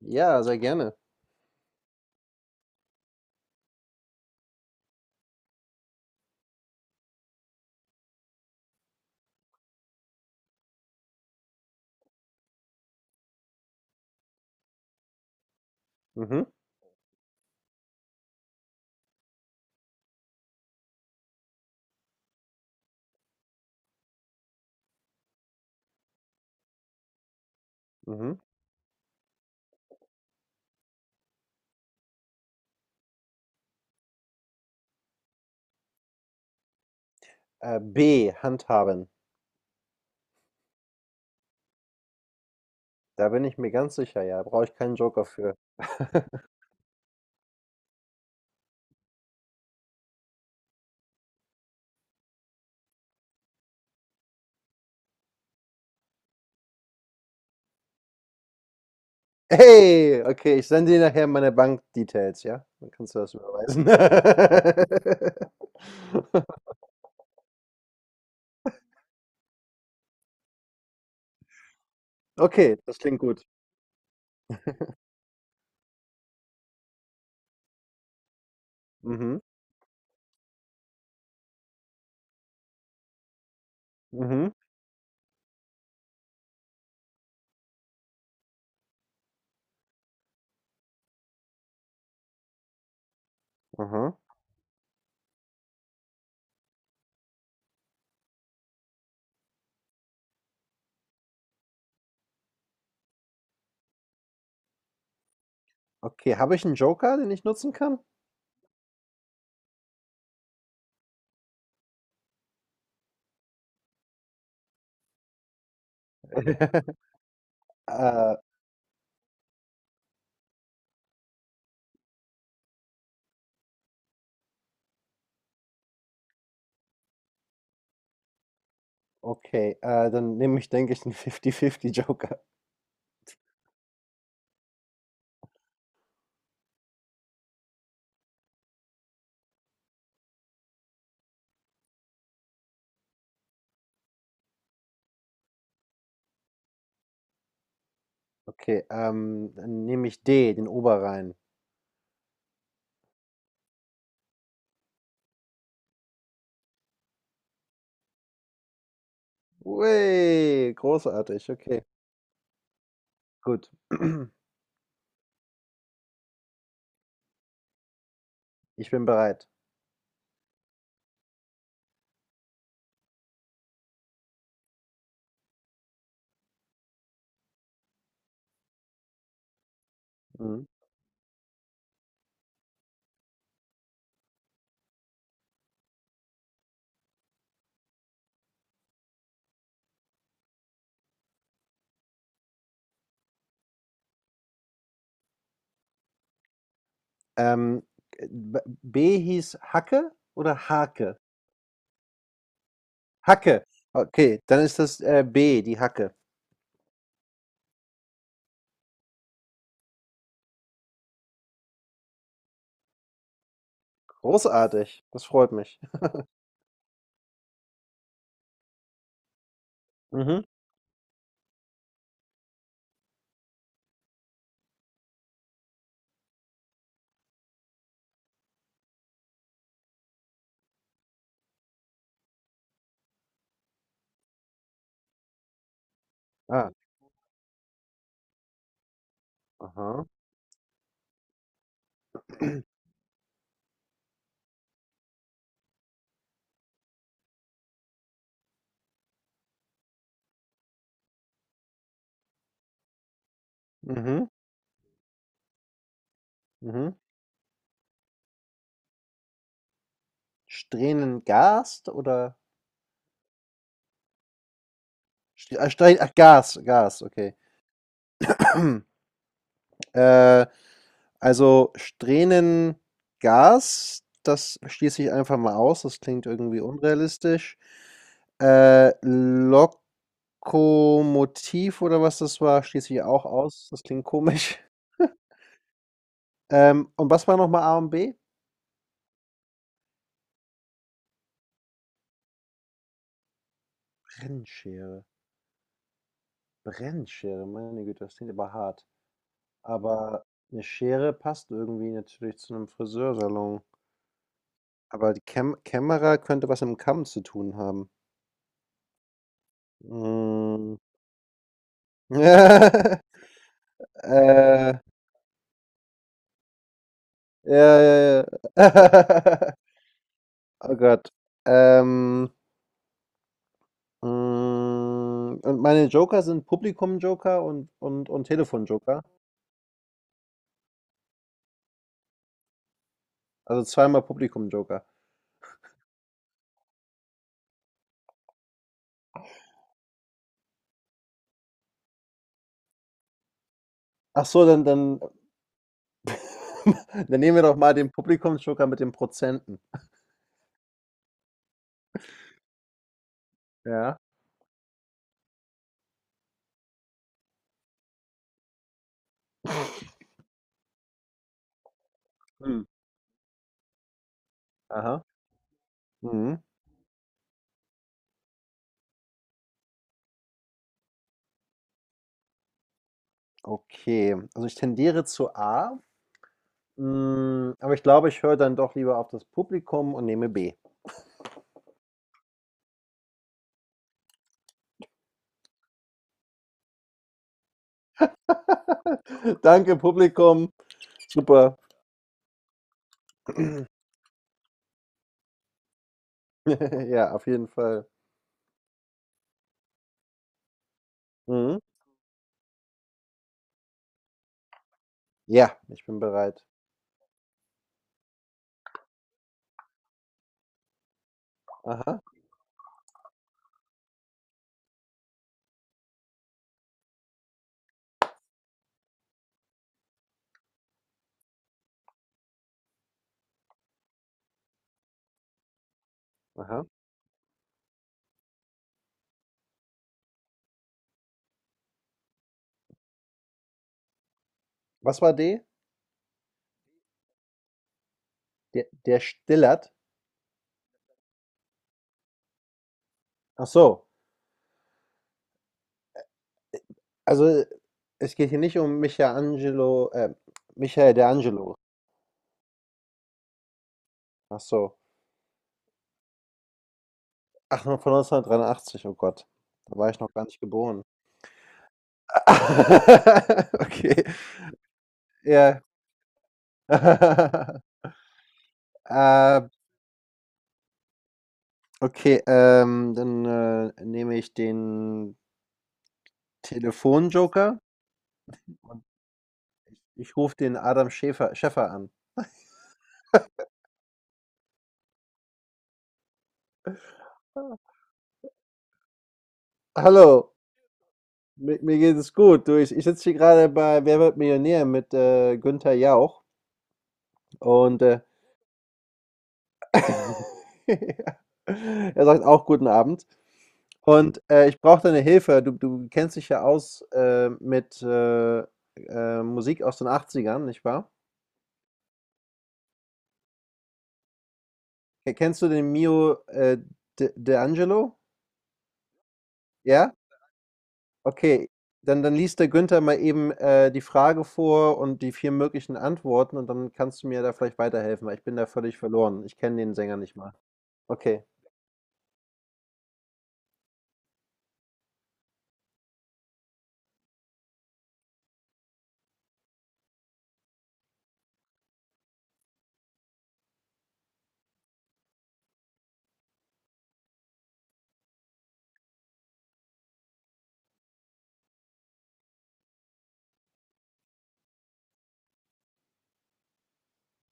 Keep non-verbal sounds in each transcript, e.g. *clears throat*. Ja, sehr gerne. Mhm, mhm. B, handhaben. Da bin ich mir ganz sicher, ja. Brauche ich keinen Joker für. *laughs* Hey, okay, ich sende dir nachher meine Bankdetails, ja? Dann kannst du das überweisen. *laughs* Okay, das klingt gut. Mhm, mhm, aha. Okay, habe ich einen Joker, den ich nutzen kann? *laughs* Äh, okay, dann nehme ich, einen 50-50 Joker. Okay, dann nehme ich D, den Oberrhein. Ui, großartig, okay, gut. *clears throat* Ich bin bereit. Mhm. Ähm, B hieß Hacke oder Hake? Hacke. Okay, dann ist das B, die Hacke. Großartig, das freut mich. Mhm. Ah, aha. Mhm. Mhm. Strähnengast oder Stre- ah, Stre- ach, Gas, Gas, okay. *clears throat* Äh, also, Strähnengas, das schließe ich einfach mal aus, das klingt irgendwie unrealistisch. Lokomotiv oder was das war, schließe ich auch aus, das klingt komisch. *laughs* Und was war nochmal A und B? Brennschere. Brennschere, meine Güte, das klingt aber hart. Aber eine Schere passt irgendwie natürlich zu einem Friseursalon. Aber die Kämmerer könnte was mit dem Kamm zu tun haben. Mm, *laughs* Äh, ja, ja, ja. *laughs* Oh Gott. Ähm, und meine Joker sind Publikum-Joker und Telefon-Joker. Also zweimal Publikum-Joker. Ach so, dann, *laughs* dann nehmen wir doch mal den Publikum-Joker mit den Prozenten. Ja. Hm. Aha. Mhm. Okay. Also ich tendiere zu A, aber ich glaube, ich höre dann doch lieber auf das Publikum und nehme B. *laughs* Danke, Publikum. Super. *clears throat* *laughs* Ja, auf jeden Fall. Mhm. Ja, ich bin bereit. Aha, aha. Was war D? Der Stillert. Ach so. Äh, Also, es geht hier nicht um Michelangelo, Michael de Angelo. Ach so. Ach, von 1983, oh Gott. Da war ich noch gar nicht geboren. *laughs* Okay, ja. *laughs* Äh, okay, dann nehme ich den Telefonjoker und ich rufe den Adam Schäfer, Schäffer an. Ah. Hallo, mir geht es gut. Du, ich sitze hier gerade bei Wer wird Millionär mit Günther Jauch und *laughs* er sagt auch guten Abend. Und ich brauche deine Hilfe. Du kennst dich ja aus mit Musik aus den Achtzigern, nicht wahr? Kennst du den Mio De Angelo? Ja? Okay, dann liest der Günther mal eben, die Frage vor und die 4 möglichen Antworten und dann kannst du mir da vielleicht weiterhelfen, weil ich bin da völlig verloren. Ich kenne den Sänger nicht mal. Okay,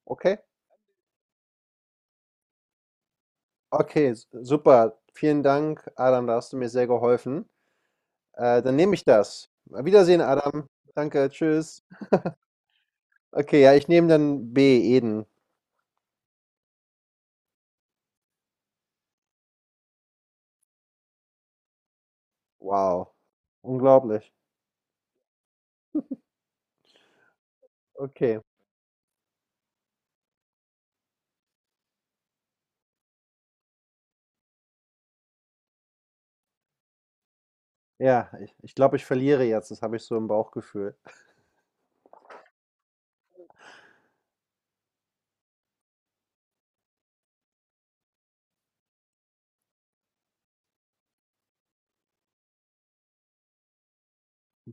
okay, okay, s- super. Vielen Dank, Adam, da hast du mir sehr geholfen. Dann nehme ich das. Auf Wiedersehen, Adam. Danke, tschüss. Okay, ja, ich nehme dann B, Eden. Wow, unglaublich. Okay, ja, ich glaube, ich verliere jetzt. Das habe ich so im Bauchgefühl.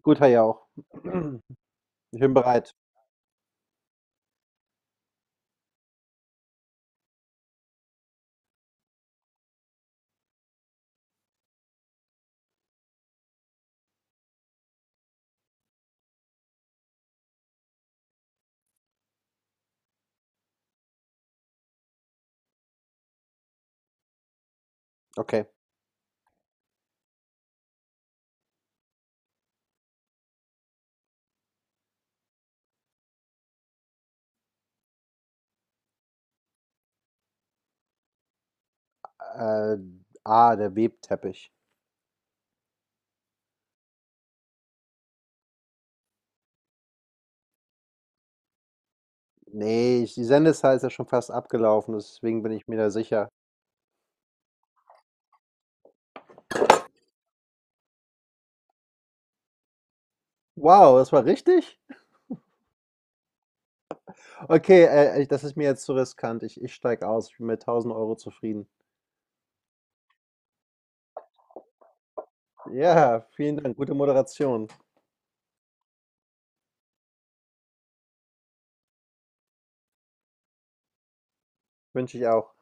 Gut, Herr Jauch. *clears throat* Ich bin bereit. Okay. Äh, ah, der Webteppich. Ne, ich die Sendezeit ist ja schon fast abgelaufen, deswegen bin ich mir da sicher. Wow, das war richtig? Okay, das ist mir jetzt zu riskant. Ich steige aus. Ich bin mit 1000 Euro zufrieden. Ja, vielen Dank. Gute Moderation. Wünsche ich auch.